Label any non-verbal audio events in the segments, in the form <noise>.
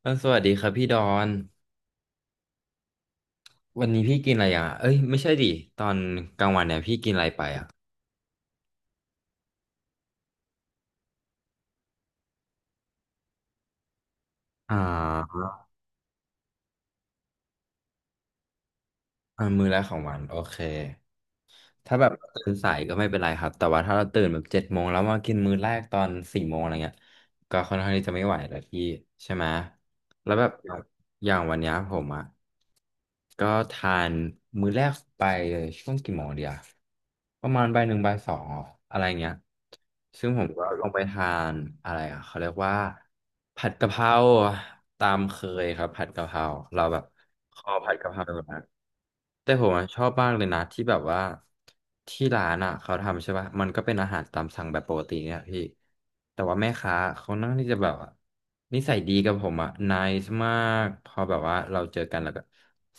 สวัสดีครับพี่ดอนวันนี้พี่กินอะไรอ่ะเอ้ยไม่ใช่ดิตอนกลางวันเนี่ยพี่กินอะไรไปอ่ะอ่าอ่ามื้อแรกของวันโอเค ถ้าแบบตื่นสายก็ไม่เป็นไรครับ แต่ว่าถ้าเราตื่นแบบเจ็ดโมงแล้วมากินมื้อแรกตอนสี่โมงอะไรเงี้ยก็ค่อนข้างที่จะไม่ไหวแล้วพี่ใช่ไหม แล้วแบบอย่างวันเนี้ยผมอ่ะก็ทานมื้อแรกไปเลยช่วงกี่โมงเดียวประมาณบ่ายหนึ่งบ่ายสองอะไรเงี้ยซึ่งผมก็ลงไปทานอะไรอ่ะเขาเรียกว่าผัดกะเพราตามเคยครับผัดกะเพราเราแบบคอผัดกะเพรามา แต่ผมอะชอบมากเลยนะที่แบบว่าที่ร้านอ่ะเขาทำใช่ป่ะมันก็เป็นอาหารตามสั่งแบบปกติเนี่ยพี่แต่ว่าแม่ค้าเขานั่งที่จะแบบว่านิสัยดีกับผมอ่ะนายมากพอแบบว่าเราเจอกันแล้วก็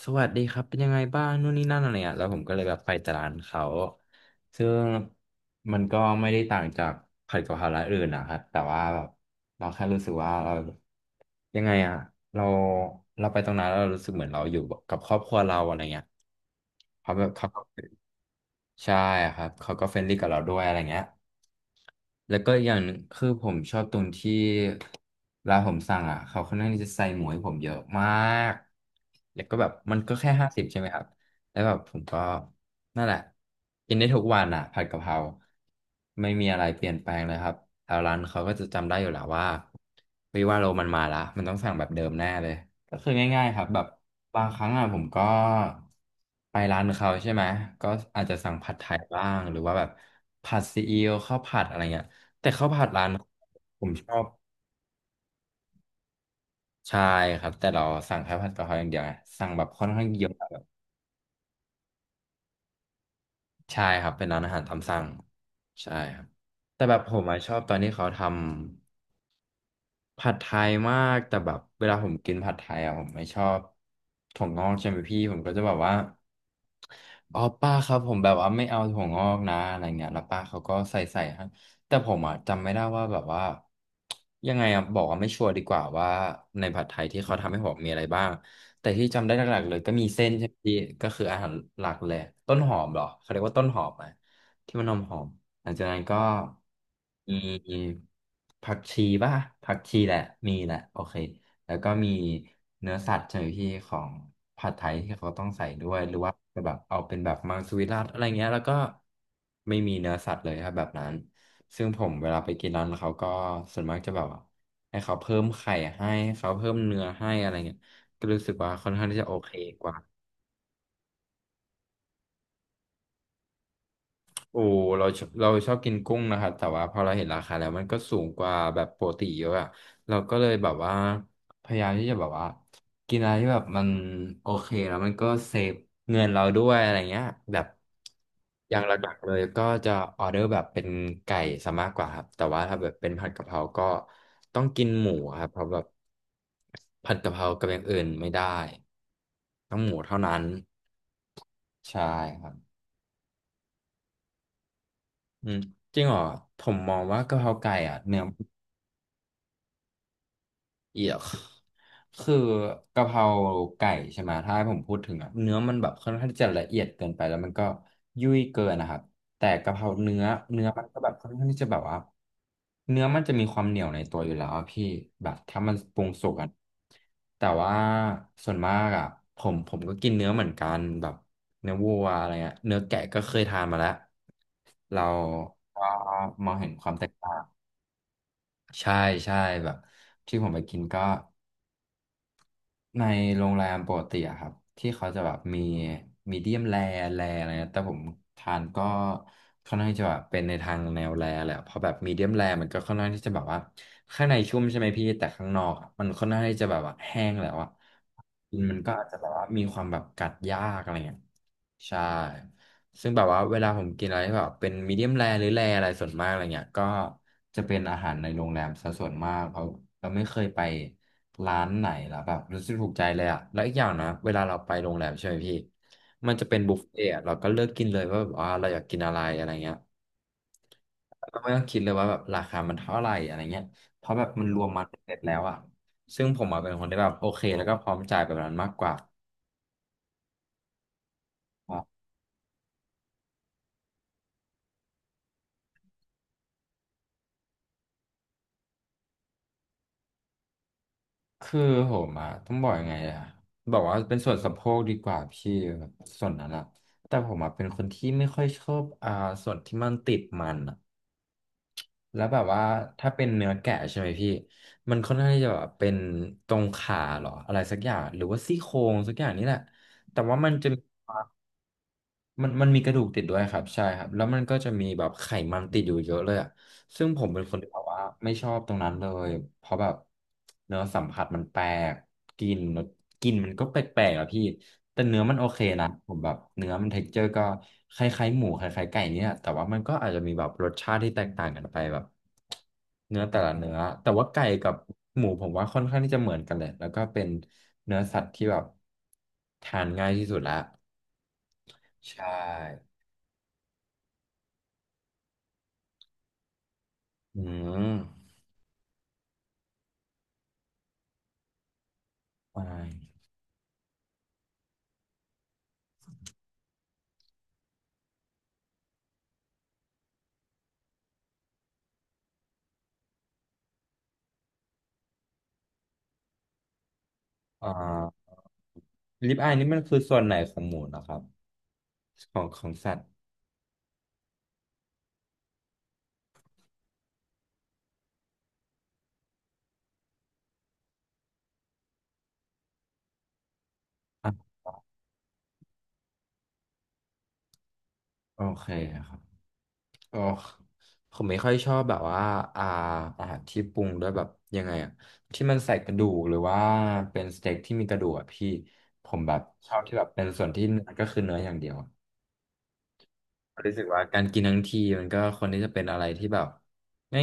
สวัสดีครับเป็นยังไงบ้างนู่นนี่นั่นอะไรเงี้ยแล้วผมก็เลยแบบไปแต่ร้านเขาซึ่งมันก็ไม่ได้ต่างจากผัดกะเพราร้านอื่นนะครับแต่ว่าแบบเราแค่รู้สึกว่าเรา ยังไงอ่ะเราเราไปตรงนั้นแล้วเรารู้สึกเหมือนเราอยู่กับครอบครัวเราอะไรเงี้ยเขาแบบเขาก็ใช่ครับเขาก็เฟรนลี่กับเราด้วยอะไรเงี้ยแล้วก็อย่างหนึ่งคือผมชอบตรงที่เวลาผมสั่งอ่ะเขาค่อนข้างที่จะใส่หมูให้ผมเยอะมากแล้วก็แบบมันก็แค่ห้าสิบใช่ไหมครับแล้วแบบผมก็ นั่นแหละกินได้ทุกวันอ่ะผัดกะเพราไม่มีอะไรเปลี่ยนแปลงเลยครับแถวร้านเขาก็จะจำได้อยู่แล้วว่าเฮ้ยว่าโรมันมาละมันต้องสั่งแบบเดิมแน่เลยก็คือง่ายๆครับแบบบางครั้งอ่ะผมก็ไปร้านเขาใช่ไหมก็อาจจะสั่งผัดไทยบ้างหรือว่าแบบผัดซีอิ๊วข้าวผัดอะไรเงี้ยแต่ข้าวผัดร้านผมชอบใช่ครับแต่เราสั่งแค่ผัดกะเพราอย่างเดียวไงสั่งแบบค่อนข้างเยอะ ใช่ครับเป็นร้านอาหารตามสั่งใช่ครับแต่แบบผมอะชอบตอนที่เขาทำ ผัดไทยมากแต่แบบเวลาผมกินผัดไทยอ่ะผมไม่ชอบถั่วงอกใช่ไหมพี่ผมก็จะแบบว่าอ๋อป้าครับผมแบบว่าไม่เอาถั่วงอกนะอะไรเงี้ยแล้วป้าเขาก็ใส่ให้แต่ผมอ่ะจำไม่ได้ว่าแบบว่ายังไงอ่ะบอกว่าไม่ชัวร์ดีกว่าว่าในผัดไทยที่เขาทำให้ผมมีอะไรบ้างแต่ที่จำได้หลักๆเลยก็มีเส้นใช่ไหมพี่ก็คืออาหารหลักเลยต้นหอมเหรอเขาเรียกว่าต้นหอมไหมที่มันหอมหอม หลังจากนั้นก็มีผักชีป่ะผักชีแหละมีแหละโอเคแล้วก็มีเนื้อสัตว์ใช่ไหมพี่ของผัดไทยที่เขาต้องใส่ด้วยหรือว่าจะแบบเอาเป็นแบบมังสวิรัติอะไรเงี้ยแล้วก็ไม่มีเนื้อสัตว์เลยครับแบบนั้นซึ่งผมเวลาไปกินร้านเขาก็ส่วนมากจะแบบว่าให้เขาเพิ่มไข่ให้ให้เขาเพิ่มเนื้อให้อะไรเงี้ยก็รู้สึกว่าค่อนข้างที่จะโอเคกว่า โอ้เราชอบเราชอบกินกุ้งนะครับแต่ว่าพอเราเห็นราคาแล้วมันก็สูงกว่าแบบปกติเยอะอะเราก็เลยแบบว่าพยายามที่จะแบบว่ากินอะไรที่แบบมันโอเคแล้วมันก็เซฟเงินเราด้วยอะไรเงี้ยแบบอย่างหลักๆเลยก็จะออเดอร์แบบเป็นไก่ซะมากกว่าครับแต่ว่าถ้าแบบเป็นผัดกะเพราก็ต้องกินหมูครับเพราะแบบผัดกะเพรากับอย่างอื่นไม่ได้ต้องหมูเท่านั้นใช่ครับ อืมจริงเหรอผมมองว่ากะเพราไก่อ่ะเนื้อเอียก <laughs> คือกะเพราไก่ใช่ไหมถ้าให้ผมพูดถึงอ่ะเนื้อมันแบบค่อนข้างที่จะละเอียดเกินไปแล้วมันก็ยุ่ยเกินนะครับแต่กะเพราเนื้อเนื้อมันก็แบบค่อนข้างที่จะแบบว่าเนื้อมันจะมีความเหนียวในตัวอยู่แล้วอะพี่แบบถ้ามันปรุงสุกอ่ะแต่ว่าส่วนมากอ่ะผมก็กินเนื้อเหมือนกันแบบเนื้อวัวอะไรเงี้ยเนื้อแกะก็เคยทานมาแล้วเราก็มองเห็นความแตกต่าง ใช่ใช่แบบที่ผมไปกินก็ในโรงแรมปกติอะครับที่เขาจะแบบมีมีเดียมแรร์อะไรนะแต่ผมทานก็ค่อนข้างจะแบบเป็นในทางแนวแรร์แหละเพราะแบบมีเดียมแรร์มันก็ค่อนข้างที่จะแบบว่าข้างในชุ่มใช่ไหมพี่แต่ข้างนอกอะมันค่อนข้างที่จะแบบว่าแห้งแล้วอะกินมันก็อาจจะแบบว่ามีความแบบกัดยากอะไรเงี้ย ใช่ ซึ่งแบบว่าเวลาผมกินอะไรที่แบบเป็นมีเดียมแรหรือแรอะไรส่วนมากอะไรเงี้ยก็จะเป็นอาหารในโรงแรมซะส่วนมากเพราะเราไม่เคยไปร้านไหนแล้วแบบรู้สึกถูกใจเลยอะแล้วอีกอย่างนะเวลาเราไปโรงแรมใช่ไหมพี่มันจะเป็นบุฟเฟ่ต์อะเราก็เลือกกินเลยว่าแบบว่าเราอยากกินอะไรอะไรเงี้ยเราไม่ต้องคิดเลยว่าแบบราคามันเท่าไหร่อะไรเงี้ยเพราะแบบมันรวมมาเสร็จแล้วอะซึ่งผมอะเป็นคนที่แบบโอเคแล้วก็พร้อมจ่ายแบบนั้นมากกว่า คือผมอะต้องบอกยังไงอะบอกว่าเป็นส่วนสะโพกดีกว่าพี่แบบส่วนนั้นอะแต่ผมอะเป็นคนที่ไม่ค่อยชอบส่วนที่มันติดมันอะแล้วแบบว่าถ้าเป็นเนื้อแกะใช่ไหมพี่มันค่อนข้างที่จะแบบเป็นตรงขาเหรออะไรสักอย่างหรือว่าซี่โครงสักอย่างนี่แหละแต่ว่ามันจะมี มันมีกระดูกติดด้วยครับใช่ครับแล้วมันก็จะมีแบบไขมันติดอยู่เยอะเลยอะซึ่งผมเป็นคนที่แบบว่าไม่ชอบตรงนั้นเลยเพราะแบบเนื้อสัมผัสมันแปลกกลินกลินมันก็แปลกๆอะพี่แต่เนื้อมันโอเคนะผมแบบเนื้อมันเท็กเจอร์ก็คล้ายๆหมูคล้ายๆไก่เนี่ยแต่ว่ามันก็อาจจะมีแบบรสชาติที่แตกต่างกันไปแบบเนื้อแต่ละเนื้อแต่ว่าไก่กับหมูผมว่าค่อนข้างที่จะเหมือนกันเลยแล้วก็เป็นเนื้อสัตว์ที่แบบทานง่ายที่สุดละใช่ อืมอายอ่าลิปอายนี่มันคือส่วนไหนของหมูนะครับของของสัตว์อ่ะโอเคครับโอ้ผมไม่ค่อยชอบแบบว่าอ่าอาหารที่ปรุงด้วยแบบยังไงอะที่มันใส่กระดูกหรือว่าเป็นสเต็กที่มีกระดูกอะพี่ผมแบบชอบที่แบบเป็นส่วนที่เนื้อก็คือเนื้ออย่างเดียวอะรู้สึกว่าการกินทั้งทีมันก็คนที่จะเป็นอะไรที่แบบ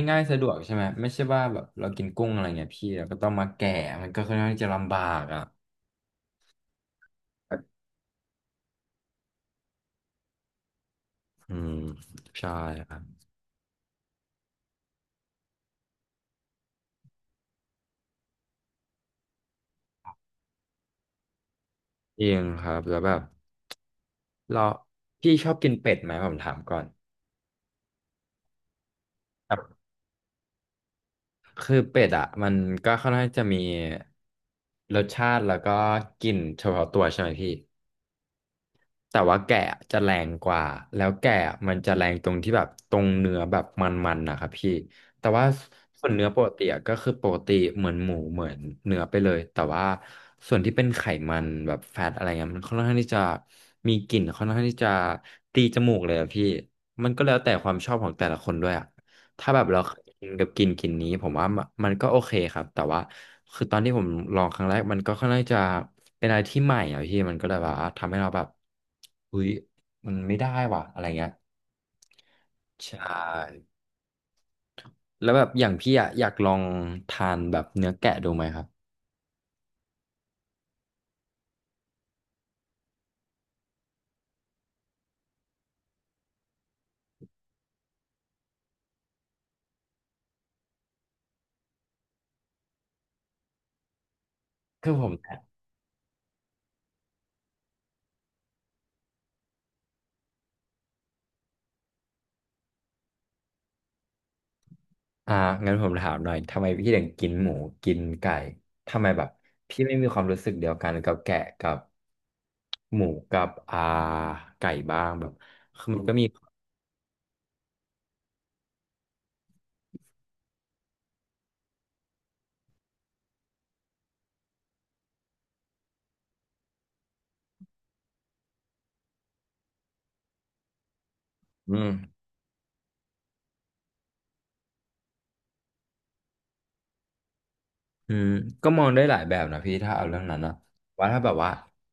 ง่ายๆสะดวกใช่ไหมไม่ใช่ว่าแบบเรากินกุ้งอะไรเงี้ยพี่เราก็ต้องมาแกะมันก็ค่อนข้างที่จะลำบากอ่ะ อืมใช่ครับจริงครับแล้วแบบเราพี่ชอบกินเป็ดไหมผมถามก่อนแบบคือเป็ดอ่ะมันก็ค่อนข้างจะมีรสชาติแล้วก็กลิ่นเฉพาะตัวใช่ไหมพี่ แต่ว่าแกะจะแรงกว่า แล้วแกะมันจะแรงตรงที่แบบตรงเนื้อแบบมันๆนะครับพี่ แต่ว่าส่วนเนื้อปกติอะก็คือปกติเหมือนหมูเหมือนเนื้อไปเลย แต่ว่าส่วนที่เป็นไขมันแบบแฟตอะไรเงี้ยมันค่อนข้างที่จะมีกลิ่นค่อนข้างที่จะตีจมูกเลยอะพี่มันก็แล้วแต่ความชอบของแต่ละคนด้วยอะ ถ้าแบบเราเคยกินกับกลินกลินนี้ผมว่ามันก็โอเคครับแต่ว่าคือตอนที่ผมลองครั้งแรกมันก็ค่อนข้างจะเป็นอะไรที่ใหม่อ่ะพี่มันก็เลยแบบว่าทำให้เราแบบอุ้ยมันไม่ได้ว่ะอะไรเงี้ยใช่แล้วแบบอย่างพี่อ่ะอยากลองทานแบบเนื้อแกะดูไหมครับคือผมอ่างั้นผมถามหน่อยทำไมพี่ถึงกินหมูกินไก่ทำไมแบบพี่ไม่มีความรู้สึกเดียวกันกับแกะกับหมูกับไก่บ้างแบบคือมันก็มีอืม อืมก็มองได้หลายแบบนะพี่ถ้าเอาเรื่องนั้นนะว่าถ้าแบบว่า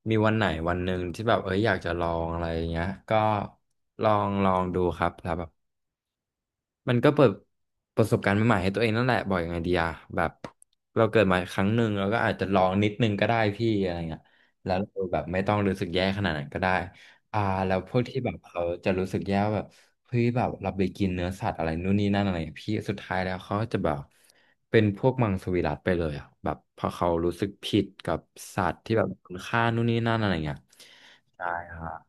มีวันไหนวันหนึ่งที่แบบเอ้ยอยากจะลองอะไรอย่างเงี้ยก็ลองดูครับ มันก็เปิดประสบการณ์ใหม่ๆให้ตัวเองนั่นแหละบอกยังไงดีอะแบบเราเกิดมาครั้งหนึ่งเราก็อาจจะลองนิดนึงก็ได้พี่อะไรเงี้ยแล้วเราแบบไม่ต้องรู้สึกแย่ขนาดนั้นก็ได้อ่าแล้วพวกที่แบบเขาจะรู้สึกแย่ว่าแบบเฮ้ยแบบเราไปกินเนื้อสัตว์อะไรนู่นนี่นั่นอะไรอะพี่สุดท้ายแล้วเขาจะแบบเป็นพวกมังสวิรัติไปเลยอะแบบพอเขารู้สึกผิดกับสัตว์ที่แบบคุณค่านู่นนี่นั่นอะไรเงี้ยใช่ครับ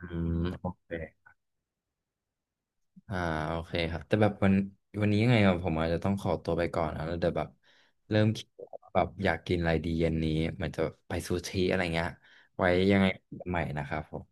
อืมโอเค อ่าโอเคครับแต่แบบวันวันนี้ยังไงอะผมอาจจะต้องขอตัวไปก่อนนะแล้วเดี๋ยวแบบเริ่มคิดว่าแบบอยากกินอะไรดีเย็นนี้เหมือนจะไปซูชิอะไรเงี้ยไว้ยังไงกันใหม่นะครับผม